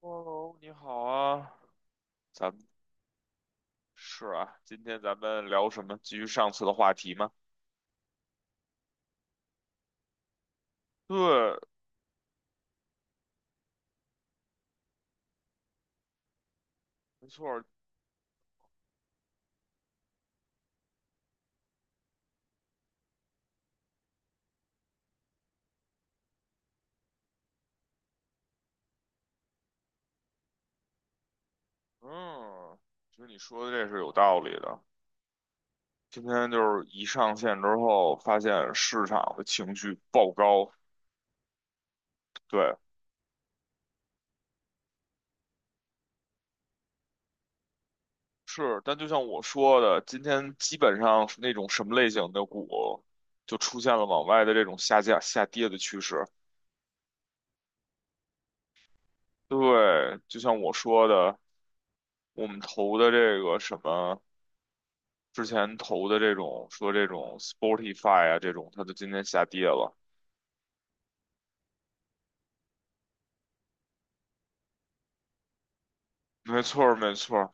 Hello，你好啊，咱们，今天咱们聊什么？继续上次的话题吗？对，没错儿，嗯，其实你说的这是有道理的。今天就是一上线之后，发现市场的情绪爆高，对，是。但就像我说的，今天基本上是那种什么类型的股，就出现了往外的这种下降、下跌的趋势。对，就像我说的，我们投的这个什么。之前投的这种说这种 Spotify 啊这种，它就今天下跌了。没错儿，没错儿，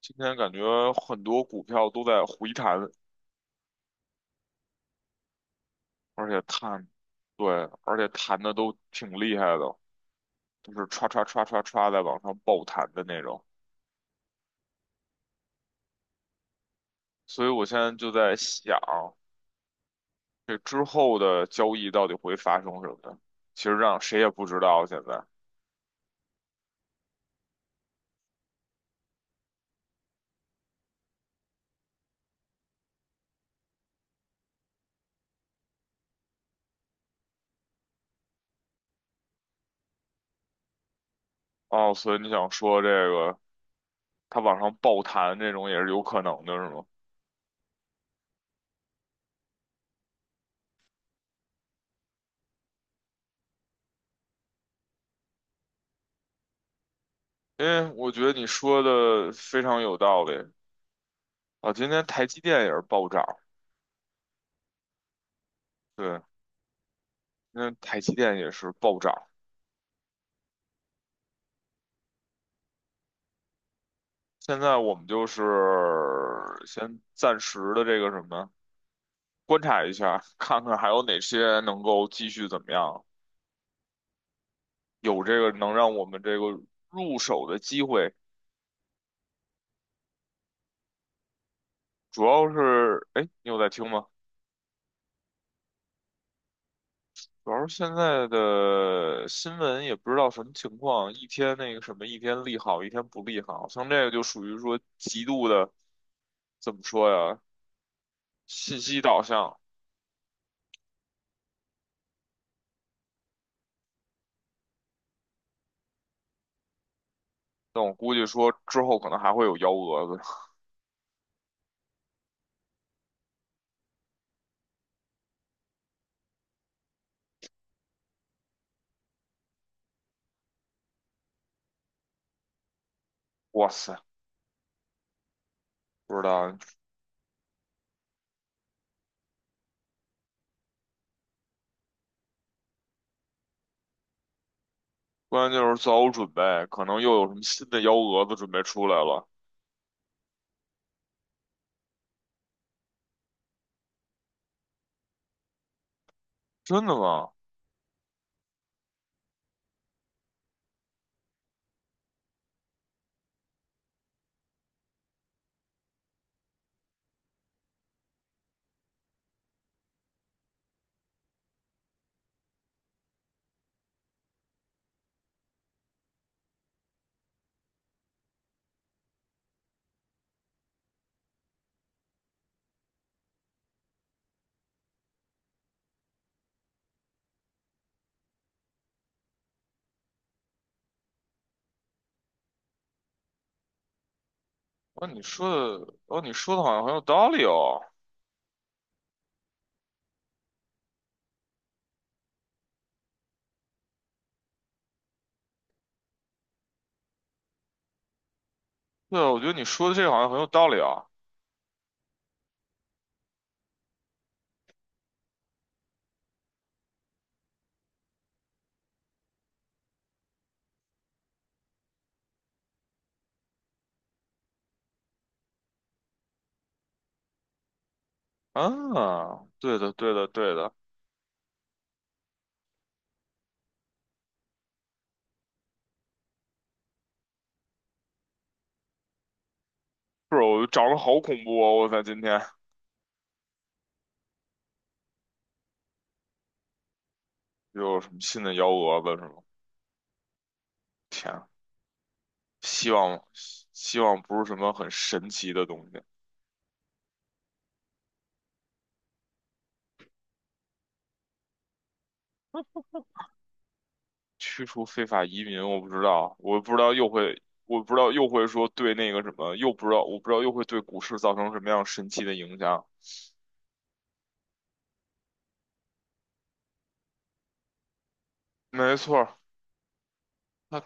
今天感觉很多股票都在回弹，而且弹，对，而且弹的都挺厉害的，就是歘歘歘歘歘在往上爆弹的那种。所以我现在就在想，这之后的交易到底会发生什么？其实让谁也不知道现在。哦，所以你想说这个它往上爆弹这种也是有可能的，是吗？嗯，我觉得你说的非常有道理啊。今天台积电也是暴涨，对，今天台积电也是暴涨。现在我们就是先暂时的这个什么，观察一下，看看还有哪些能够继续怎么样，有这个能让我们这个入手的机会。主要是，哎，你有在听吗？主要是现在的新闻也不知道什么情况，一天那个什么，一天利好，一天不利好，像这个就属于说极度的。怎么说呀？信息导向，但我估计说之后可能还会有幺蛾子。哇塞，不知道，关键就是做好准备，可能又有什么新的幺蛾子准备出来了。真的吗？哦，你说的，哦，你说的好像很有道理哦。对啊，我觉得你说的这个好像很有道理啊。啊，对的，对的，对的。是，我长得好恐怖哦！我在今天又有什么新的幺蛾子是吗？天啊，希望希望不是什么很神奇的东西。驱除非法移民，我不知道，我不知道又会，我不知道又会说对那个什么，又不知道，我不知道又会对股市造成什么样神奇的影响。没错儿，他，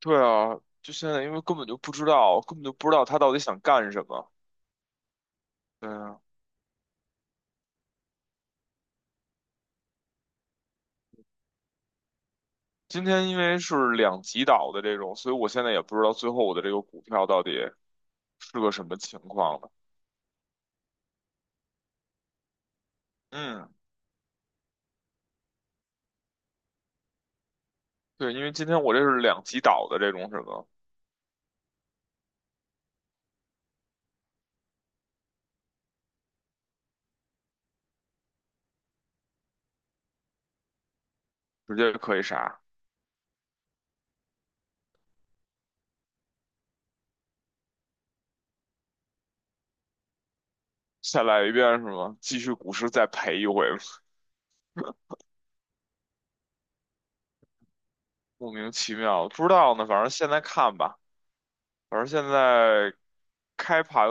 对啊，就现在，因为根本就不知道，根本就不知道他到底想干什么。对啊，今天因为是两极倒的这种，所以我现在也不知道最后我的这个股票到底是个什么情况了。嗯，对，因为今天我这是两极倒的这种什么，直接可以啥，再来一遍是吗？继续股市再赔一回。莫名其妙，不知道呢。反正现在看吧，反正现在开盘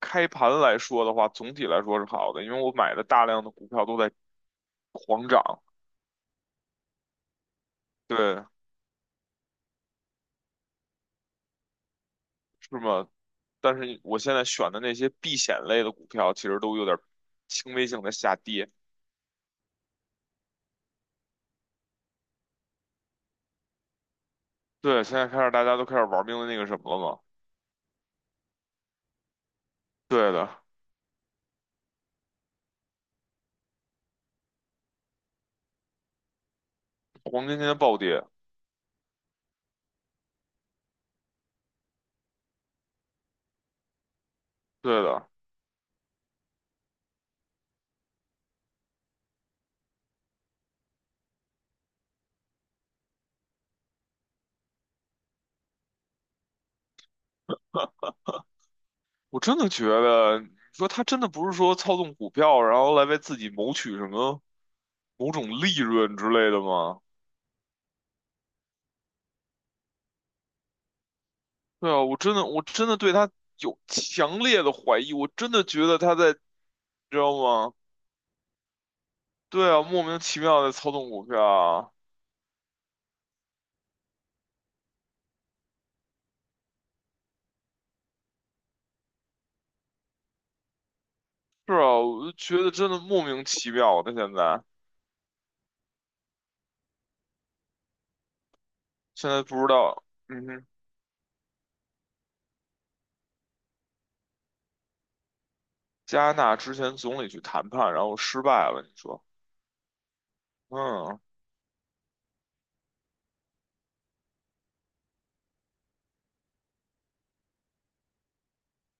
开盘来说的话，总体来说是好的，因为我买的大量的股票都在狂涨，对，是吗？但是我现在选的那些避险类的股票，其实都有点轻微性的下跌。对，现在开始大家都开始玩命的那个什么了嘛？对的，黄金今天暴跌，对的，我真的觉得，你说他真的不是说操纵股票，然后来为自己谋取什么？某种利润之类的吗？对啊，我真的我真的对他有强烈的怀疑，我真的觉得他在，你知道吗？对啊，莫名其妙的操纵股票啊。是啊，我就觉得真的莫名其妙的。现在现在不知道，嗯哼，加拿大之前总理去谈判，然后失败了，你说，嗯，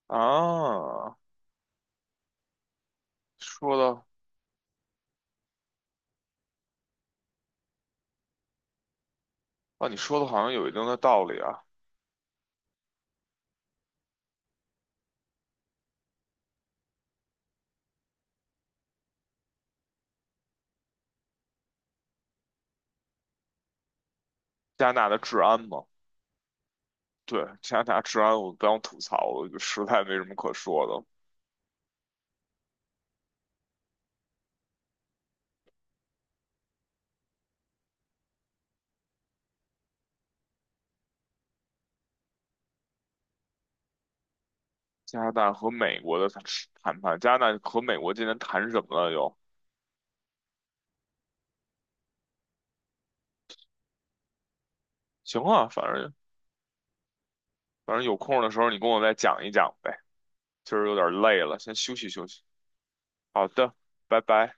啊，说的啊，你说的好像有一定的道理啊。加拿大的治安嘛，对，加拿大治安我不想吐槽了，就实在没什么可说的。加拿大和美国的谈判加拿大和美国今天谈什么了又？行啊，反正反正有空的时候你跟我再讲一讲呗。今儿有点累了，先休息休息。好的，拜拜。